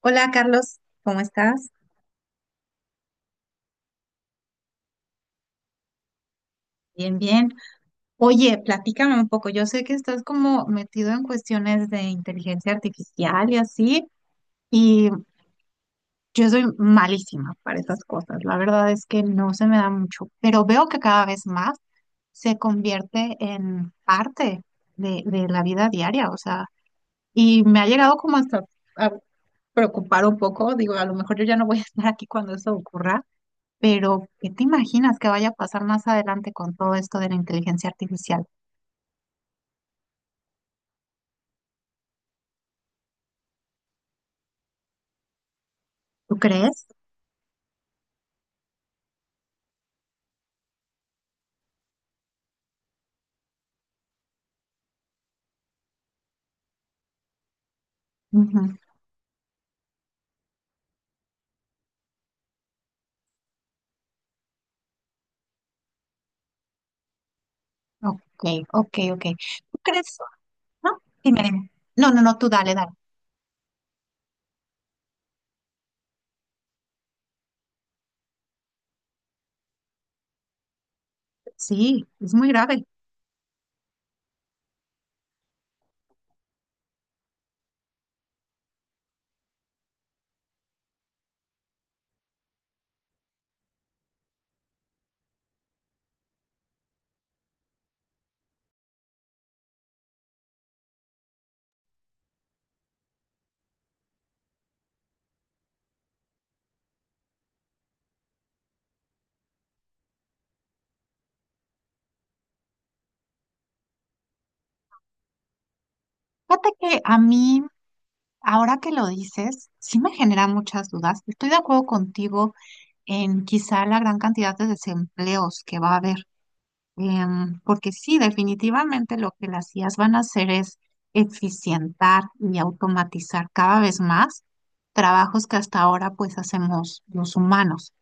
Hola Carlos, ¿cómo estás? Bien, bien. Oye, platícame un poco. Yo sé que estás como metido en cuestiones de inteligencia artificial y así, y yo soy malísima para esas cosas. La verdad es que no se me da mucho, pero veo que cada vez más se convierte en parte de la vida diaria, o sea, y me ha llegado como hasta a preocupar un poco. Digo, a lo mejor yo ya no voy a estar aquí cuando eso ocurra. Pero ¿qué te imaginas que vaya a pasar más adelante con todo esto de la inteligencia artificial? ¿Tú crees? Ujú. Ok, ok, ok. ¿Tú crees? No, dime, dime. No, no, no, tú dale, dale. Sí, es muy grave. Fíjate que a mí, ahora que lo dices, sí me genera muchas dudas. Estoy de acuerdo contigo en quizá la gran cantidad de desempleos que va a haber. Porque sí, definitivamente lo que las IAs van a hacer es eficientar y automatizar cada vez más trabajos que hasta ahora pues hacemos los humanos.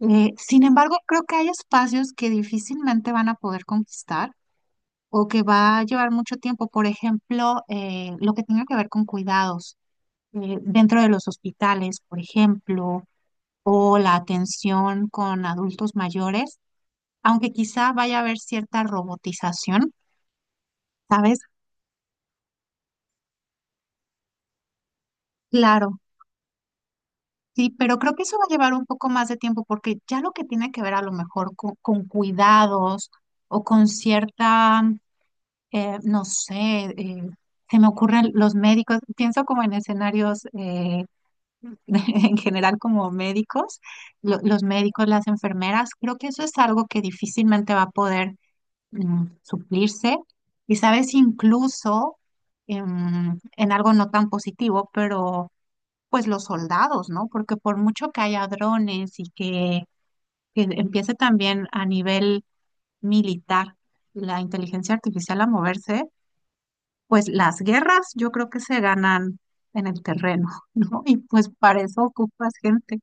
Sin embargo, creo que hay espacios que difícilmente van a poder conquistar o que va a llevar mucho tiempo. Por ejemplo, lo que tenga que ver con cuidados dentro de los hospitales, por ejemplo, o la atención con adultos mayores, aunque quizá vaya a haber cierta robotización. ¿Sabes? Claro, sí, pero creo que eso va a llevar un poco más de tiempo porque ya lo que tiene que ver a lo mejor con cuidados o con cierta, no sé, eh, se me ocurren los médicos, pienso como en escenarios en general como médicos, los médicos, las enfermeras, creo que eso es algo que difícilmente va a poder suplirse. Y sabes, incluso en algo no tan positivo, pero pues los soldados, ¿no? Porque por mucho que haya drones y que empiece también a nivel militar la inteligencia artificial a moverse, pues las guerras yo creo que se ganan en el terreno, ¿no? Y pues para eso ocupas gente.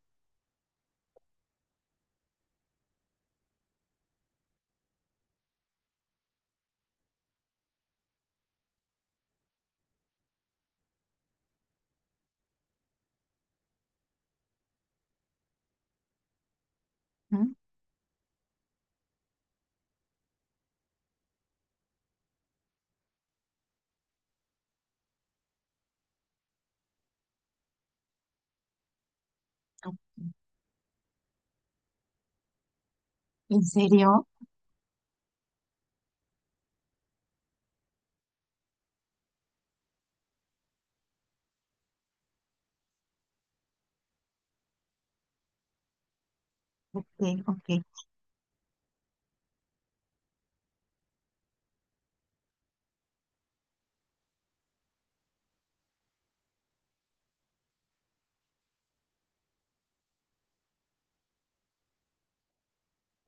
¿No? Ok. ¿En serio? Ok, ok.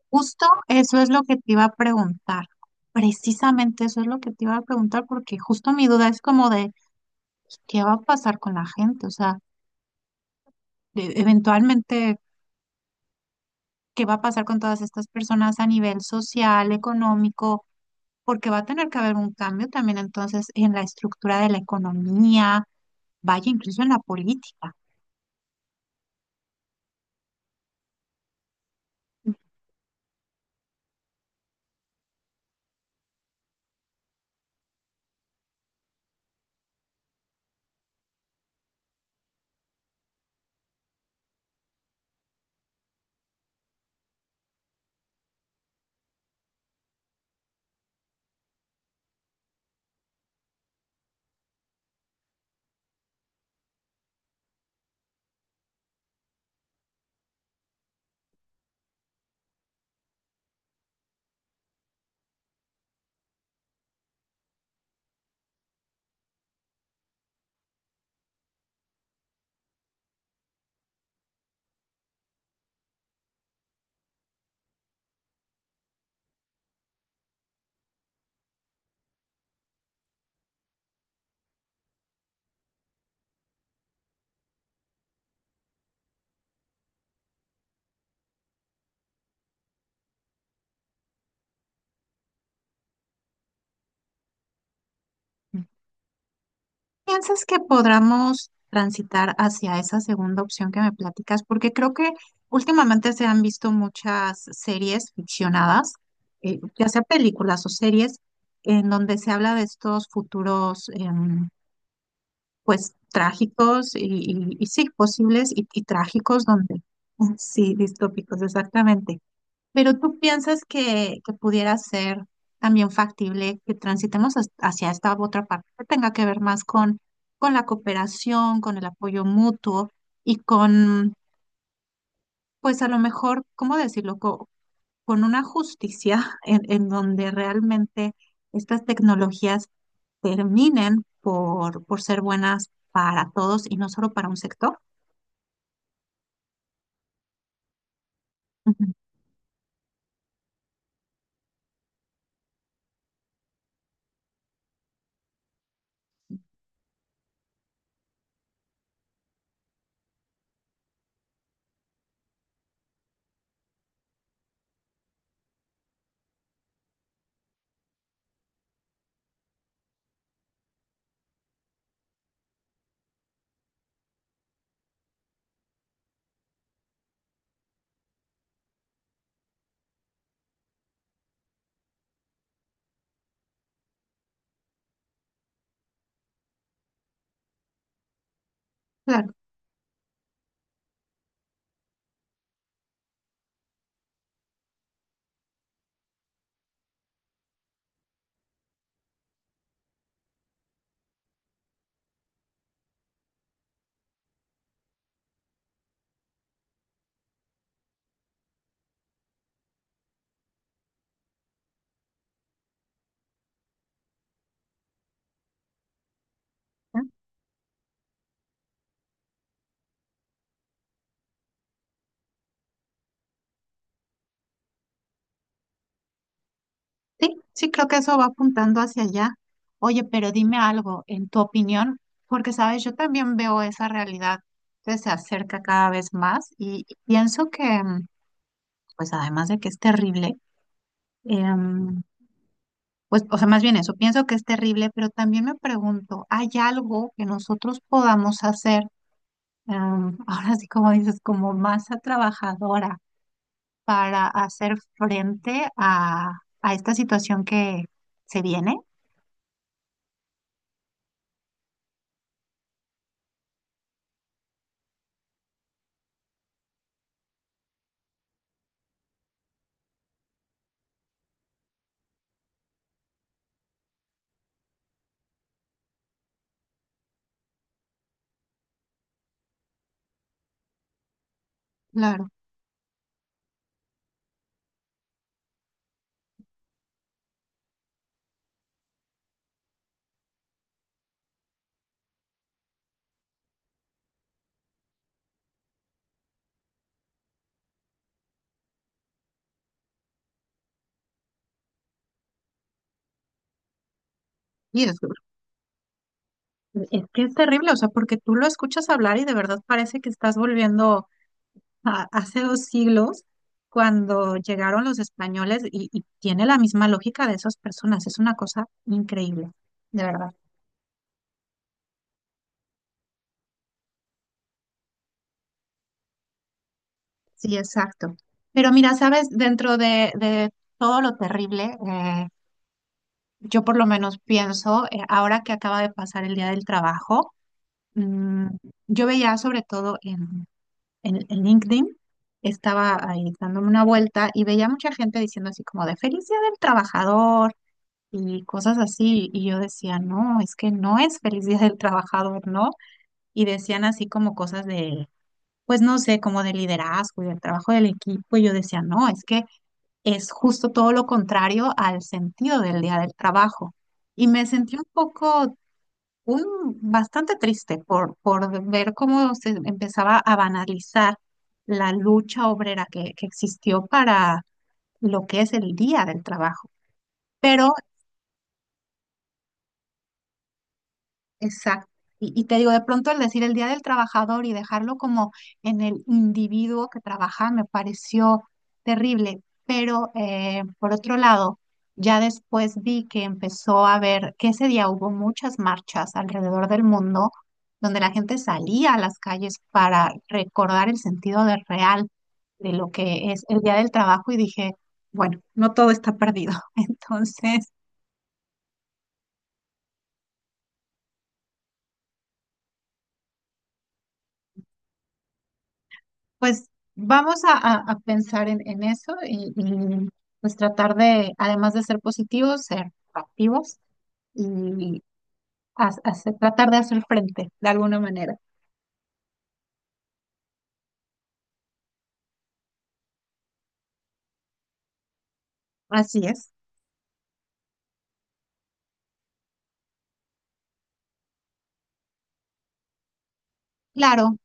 Justo eso es lo que te iba a preguntar. Precisamente eso es lo que te iba a preguntar, porque justo mi duda es como de qué va a pasar con la gente. O sea, eventualmente qué va a pasar con todas estas personas a nivel social, económico, porque va a tener que haber un cambio también entonces en la estructura de la economía, vaya incluso en la política. ¿Piensas que podamos transitar hacia esa segunda opción que me platicas? Porque creo que últimamente se han visto muchas series ficcionadas, ya sea películas o series, en donde se habla de estos futuros, pues trágicos y sí, posibles y trágicos donde, sí, distópicos, exactamente. Pero tú piensas que pudiera ser también factible que transitemos hacia esta otra parte que tenga que ver más con la cooperación, con el apoyo mutuo y con, pues a lo mejor, ¿cómo decirlo? Con una justicia en donde realmente estas tecnologías terminen por ser buenas para todos y no solo para un sector. Ujú. Claro. ¿Eh? Sí, sí, creo que eso va apuntando hacia allá. Oye, pero dime algo, en tu opinión, porque sabes, yo también veo esa realidad que se acerca cada vez más y pienso que, pues además de que es terrible, em, pues, o sea, más bien eso, pienso que es terrible, pero también me pregunto, ¿hay algo que nosotros podamos hacer, ahora sí como dices, como masa trabajadora para hacer frente a esta situación que se viene? Claro. Y es, es que es terrible, o sea, porque tú lo escuchas hablar y de verdad parece que estás volviendo a, hace dos siglos, cuando llegaron los españoles, y tiene la misma lógica de esas personas, es una cosa increíble, de verdad. Sí, exacto. Pero mira, sabes, dentro de todo lo terrible, yo por lo menos pienso, ahora que acaba de pasar el Día del Trabajo, mm, yo veía sobre todo en LinkedIn, estaba ahí dándome una vuelta y veía mucha gente diciendo así como de feliz Día del Trabajador y cosas así. Y yo decía, no, es que no es feliz Día del Trabajador, ¿no? Y decían así como cosas de, pues no sé, como de liderazgo y del trabajo del equipo. Y yo decía, no, es que es justo todo lo contrario al sentido del día del trabajo. Y me sentí un poco, un, bastante triste por ver cómo se empezaba a banalizar la lucha obrera que existió para lo que es el día del trabajo. Pero exacto. Y te digo, de pronto al decir el Día del Trabajador y dejarlo como en el individuo que trabaja me pareció terrible, pero por otro lado, ya después vi que empezó a ver que ese día hubo muchas marchas alrededor del mundo donde la gente salía a las calles para recordar el sentido de real de lo que es el Día del Trabajo y dije, bueno, no todo está perdido. Entonces... Pues vamos a pensar en eso y, pues tratar de, además de ser positivos, ser activos y tratar de hacer frente de alguna manera. Así es. Claro,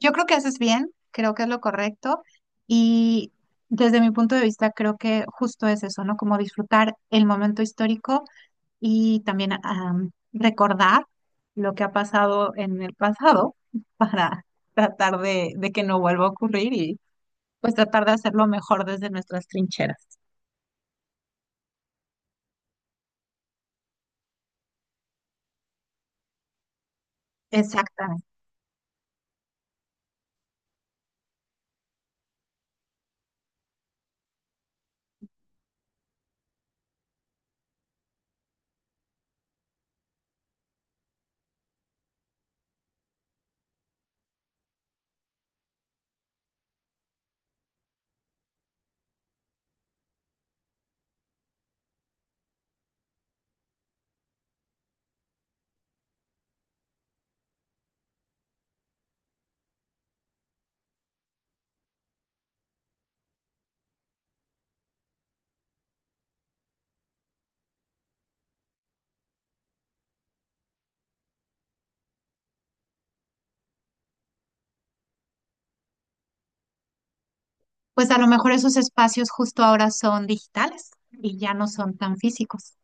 yo creo que haces bien, creo que es lo correcto y desde mi punto de vista creo que justo es eso, ¿no? Como disfrutar el momento histórico y también recordar lo que ha pasado en el pasado para tratar de que no vuelva a ocurrir y pues tratar de hacerlo mejor desde nuestras trincheras. Exactamente. Pues a lo mejor esos espacios justo ahora son digitales y ya no son tan físicos.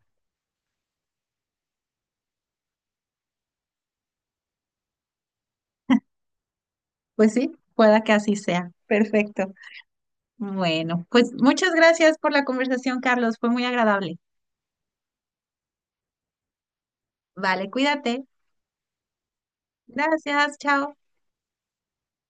Pues sí, pueda que así sea. Perfecto. Bueno, pues muchas gracias por la conversación, Carlos. Fue muy agradable. Vale, cuídate. Gracias, chao.